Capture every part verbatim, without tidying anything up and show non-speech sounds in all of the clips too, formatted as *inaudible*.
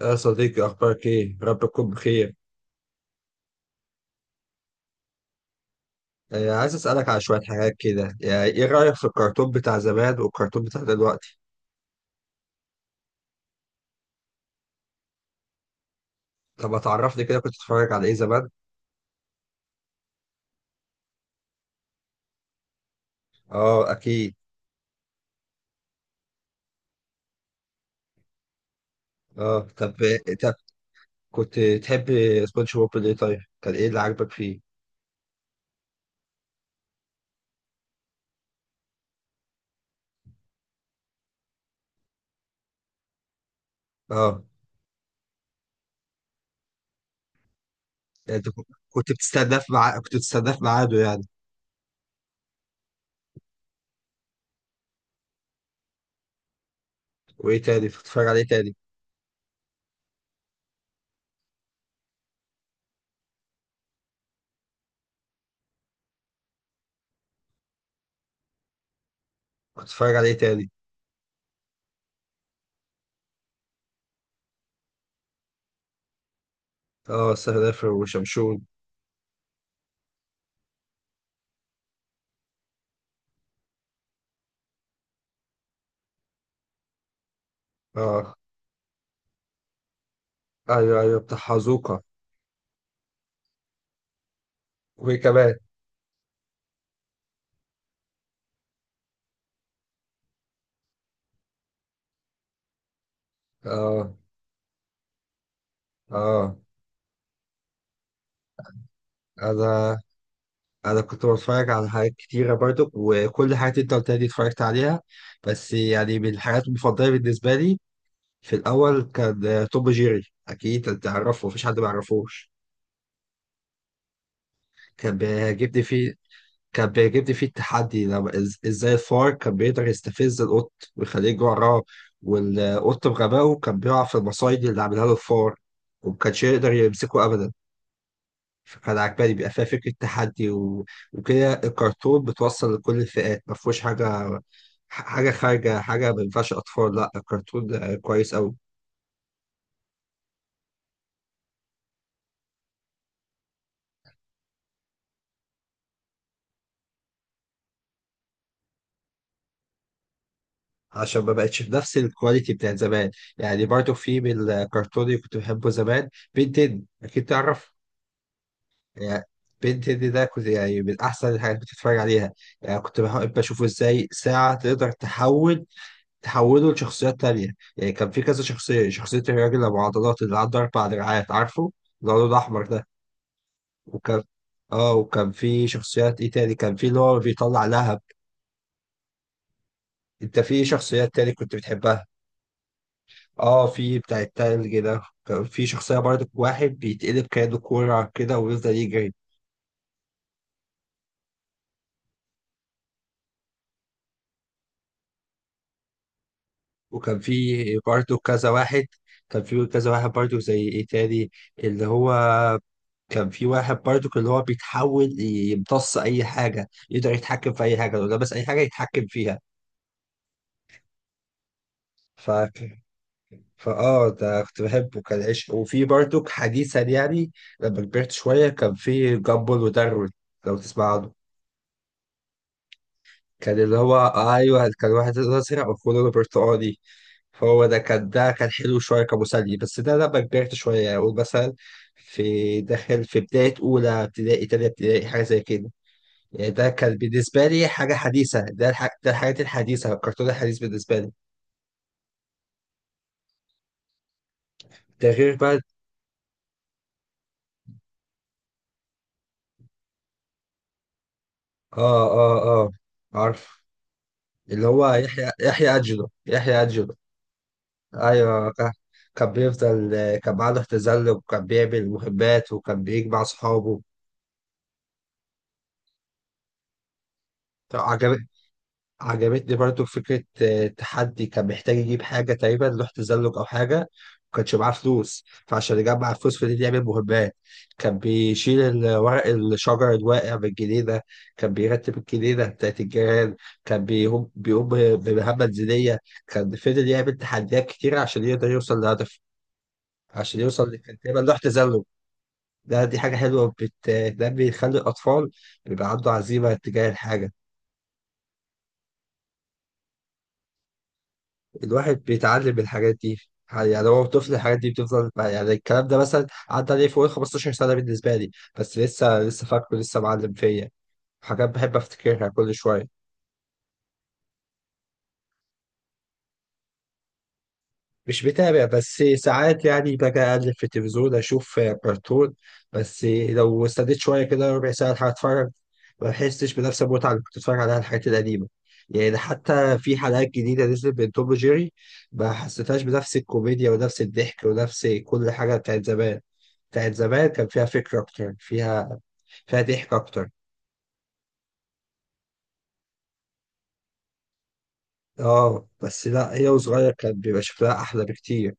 يا صديقي أخبارك إيه؟ رب تكون بخير، آه، عايز أسألك على شوية حاجات كده، يعني إيه رأيك في الكرتون بتاع زمان والكرتون بتاع دلوقتي؟ طب ما تعرفني كده كنت بتتفرج على إيه زمان؟ آه أكيد، آه طب طب كنت تحب سبونج بوب ليه طيب؟ كان إيه اللي عاجبك فيه؟ آه يعني أنت كنت بتستناه في ميعاد كنت بتستناه في ميعاده يعني، وإيه تاني؟ كنت بتتفرج على إيه تاني؟ كنت بتتفرج على إيه تاني؟ آه السفر وشمشون، آه أيوه أيوه بتاع حزوقة، وإيه كمان؟ آه آه أنا انا كنت بتفرج على حاجات كتيرة برضو، وكل حاجة انت قلتها دي اتفرجت عليها. بس يعني من الحاجات المفضلة بالنسبة لي في الاول كان آه، توم جيري. اكيد انت تعرفه، مفيش حد ما يعرفوش. كان بيعجبني فيه كان بيعجبني فيه التحدي، لما إز- ازاي الفار كان بيقدر يستفز القط ويخليه يجري وراه، والقط بغبائه كان بيقع في المصايد اللي عاملها له الفار، ومكانش يقدر يمسكه ابدا. فكان عجباني بيبقى فيها فكرة تحدي و... وكده. الكرتون بتوصل لكل الفئات، ما فيهوش حاجة حاجة خارجة، حاجة ما ينفعش أطفال، لا الكرتون كويس أوي، عشان ما بقتش بنفس الكواليتي بتاع زمان. يعني برضو في من الكرتون اللي كنت بحبه زمان بنتين، أكيد تعرف. يعني بنتين ده كنت يعني من أحسن الحاجات اللي كنت بتتفرج عليها. يعني كنت بحب أشوفه إزاي ساعة تقدر تحول، تحولوا لشخصيات تانية. يعني كان في كذا شخصية، شخصية الراجل أبو عضلات اللي عنده أربع دراعات، عارفه اللي هو لونه أحمر ده. وكان اه، وكان في شخصيات ايه تاني، كان في اللي هو بيطلع لهب. انت في شخصيات تاني كنت بتحبها؟ اه، في بتاع التلج ده، كان في شخصية برضه واحد بيتقلب كأنه كورة كده ويفضل يجري. وكان في برضه كذا واحد، كان في كذا واحد برضه زي ايه تاني، اللي هو كان في واحد برضو اللي هو بيتحول يمتص اي حاجه، يقدر يتحكم في اي حاجه، لو لابس اي حاجه يتحكم فيها. ف فاه ده كنت بحبه، كان عشق. وفي برضو حديثا يعني، لما كبرت شويه، كان في جامبل وداروين، لو تسمع عنه. كان اللي هو ايوه، كان واحد ازرق وكله برتقالي. فهو ده كان، ده كان حلو شويه كمسلي، بس ده لما كبرت شويه، يعني اقول مثلا في داخل، في بدايه اولى ابتدائي، تانية ابتدائي، حاجه زي كده. يعني ده كان بالنسبة لي حاجة حديثة، ده الح... ده الحاجات الحديثة، الكرتون الحديث بالنسبة لي. ده غير بقى اه اه اه، عارف، اللي هو يحيى، يحيى أجلو يحيى أجلو. أيوه، ك- كان بيفضل، كان معاه تزلج وكان بيعمل مهمات وكان بيجمع صحابه. عجب... عجبتني برضو فكرة آه، تحدي، كان محتاج يجيب حاجة تقريبا لوح تزلج أو حاجة، ما كانش معاه فلوس، فعشان يجمع فلوس فضل يعمل مهمات. كان بيشيل ال- ورق الشجر الواقع من الجنينة، كان بيرتب الجنينة بتاعت الجيران، كان بيقوم بيقوم بمهمة منزلية. كان فضل يعمل تحديات كتيرة عشان يقدر يوصل لهدفه، عشان يوصل ل- كان تقريبا لوح تزلج. ده دي حاجة حلوة، بتنمي، تخلي الأطفال بيبقى عنده عزيمة تجاه الحاجة. الواحد بيتعلم من الحاجات دي، يعني هو طفل الحاجات دي بتفضل. يعني الكلام ده مثلا عدى عليه فوق ال خمستاشر سنة بالنسبة لي، بس لسه، لسه فاكره، لسه معلم فيا. حاجات بحب افتكرها كل شوية. مش بتابع، بس ساعات يعني باجي أقلب في التلفزيون أشوف كرتون. بس لو استديت شوية كده ربع ساعة هتفرج، ما بحسش بنفس المتعة اللي كنت بتفرج عليها الحاجات القديمة. يعني حتى في حلقات جديدة نزلت من توم وجيري، ما حسيتهاش بنفس الكوميديا ونفس الضحك ونفس كل حاجة بتاعت زمان. بتاعت زمان كان فيها فكرة أكتر، فيها فيها ضحك أكتر. اه بس لا، هي وصغير كان بيبقى شكلها أحلى بكتير.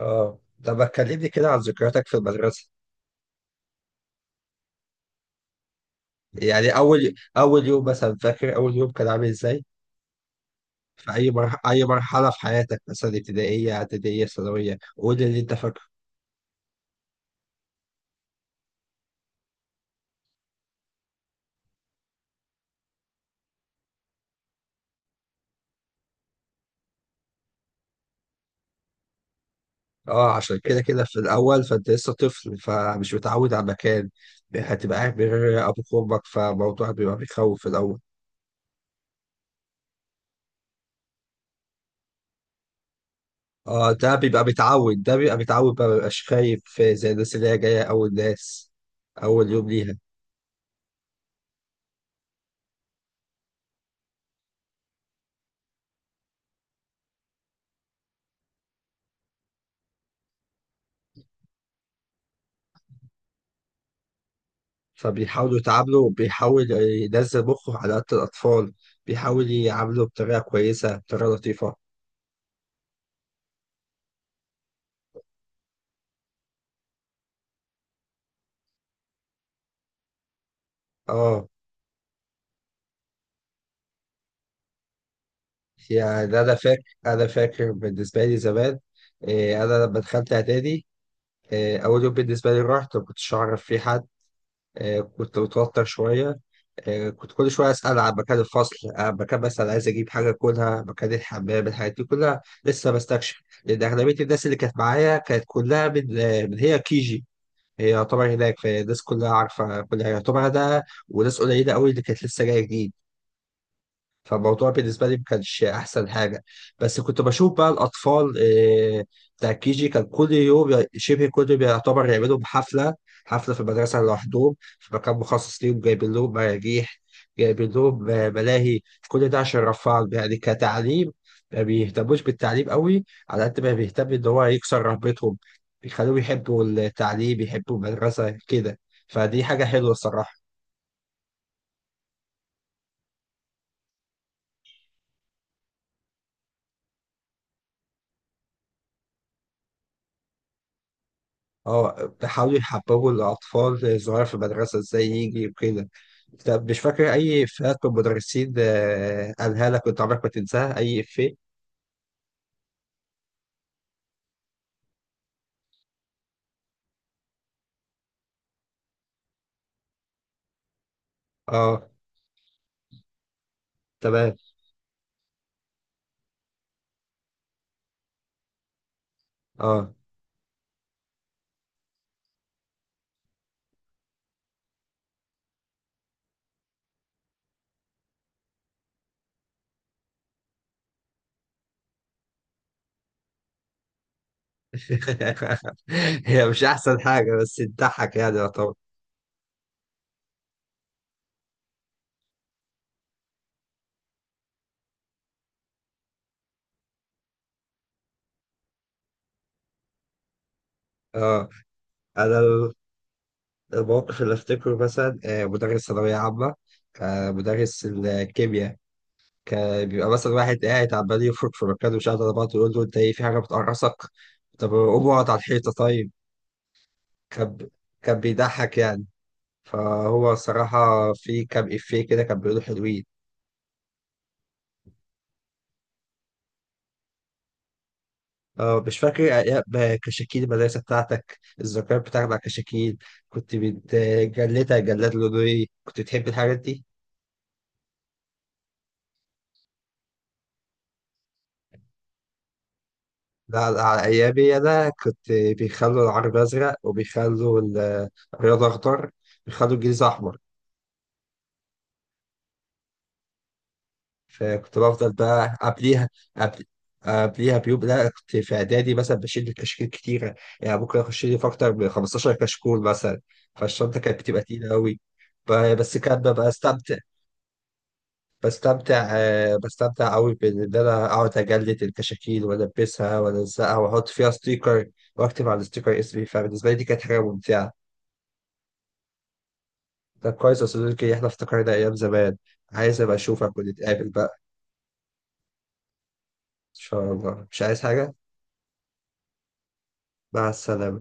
اه، طب ما تكلمني كده عن ذكرياتك في المدرسة. يعني اول، اول يوم مثلا، فاكر اول يوم كان عامل ازاي؟ في اي مرحله، اي مرحله في حياتك، مثلا ابتدائيه، اعداديه، ثانويه، قول لي اللي انت فاكره. اه، عشان كده كده في الاول، فانت لسه طفل، فمش متعود على مكان، هتبقى قاعد من غير ابوك وامك، فالموضوع بيبقى بيخوف في الاول. اه، ده بيبقى متعود، ده بيبقى متعود بقى مبيبقاش خايف زي الناس اللي هي جايه اول ناس اول يوم ليها. فبيحاولوا يتعاملوا، بيحاول ينزل مخه على قد الأطفال، بيحاول يعامله بطريقة كويسة، بطريقة لطيفة. اه، يعني أنا فاكر، أنا فاكر بالنسبة لي زمان، إيه، أنا لما دخلت إعدادي، إيه، أول يوم بالنسبة لي رحت ما كنتش أعرف فيه حد، إيه، كنت متوتر شوية، إيه، كنت كل شوية أسأل عن مكان الفصل، عن مكان مثلا عايز أجيب حاجة أكلها، مكان الحمام، الحاجات دي كلها لسه بستكشف، لأن أغلبية الناس اللي كانت معايا كانت كلها من آه، من هي كيجي. هي يعتبر هناك، فالناس كلها عارفة كل حاجة يعتبر ده، وناس قليلة قوي اللي كانت لسه جاية جديد. فالموضوع بالنسبة لي ما كانش أحسن حاجة. بس كنت بشوف بقى الأطفال آه، بتاع كي جي، كان كل يوم شبه كل يوم يعتبر يعملوا حفلة، حفلة في المدرسة لوحدهم في مكان مخصص ليهم، جايبين لهم مراجيح، جايبين لهم آه، ملاهي، كل ده عشان يرفعهم يعني كتعليم. ما بيهتموش بالتعليم قوي على قد ما بيهتم إن هو يكسر رهبتهم، بيخلوهم يحبوا التعليم، يحبوا المدرسة كده. فدي حاجة حلوة الصراحة. اه بيحاولوا يحببوا الأطفال الصغيرة في المدرسة، ازاي يجري وكده. طب مش فاكر أي إفيهات من المدرسين آه، قالها لك كنت عمرك ما تنساها؟ أي إفيه؟ اه تمام. اه *laughs* هي مش أحسن حاجة بس تضحك يعني يعتبر. اه، أنا ال- الموقف اللي أفتكره مثلا آه، مدرس ثانوية عامة، آه، مدرس الكيمياء، كان بيبقى مثلا واحد قاعد عمال يفرك في مكانه مش قادر، بعض يقول له أنت إيه، في حاجة بتقرصك؟ طب قوم اقعد على الحيطة طيب. كان كان بيضحك يعني. فهو صراحة في كام إفيه كده كان بيقولوا حلوين. اه مش فاكر أيام كشاكيل المدرسة بتاعتك؟ الذكريات بتاعتك مع كشاكيل، كنت بتجلدها جلاد لونه إيه؟ كنت بتحب الحاجات دي؟ لا لا، على أيامي أنا كنت بيخلوا العربي أزرق، وبيخلوا الرياضة أخضر، بيخلوا الجيزة أحمر. فكنت بفضل بقى قبليها، قبل قبليها بيوم. لا كنت في اعدادي مثلا بشيل كشاكيل كتيره، يعني ممكن اخش لي في اكتر من خمستاشر كشكول مثلا، فالشنطه كانت بتبقى تقيله قوي. بس كان ببقى استمتع، بستمتع آه، بستمتع قوي، بان انا اقعد اجلد الكشاكيل والبسها والزقها واحط فيها ستيكر، واكتب على الستيكر اسمي. فبالنسبه لي دي كانت حاجه ممتعه. طب كويس يا صديقي، احنا افتكرنا ايام زمان، عايز ابقى اشوفك ونتقابل بقى. ان شاء الله، مش عايز حاجه. مع السلامه.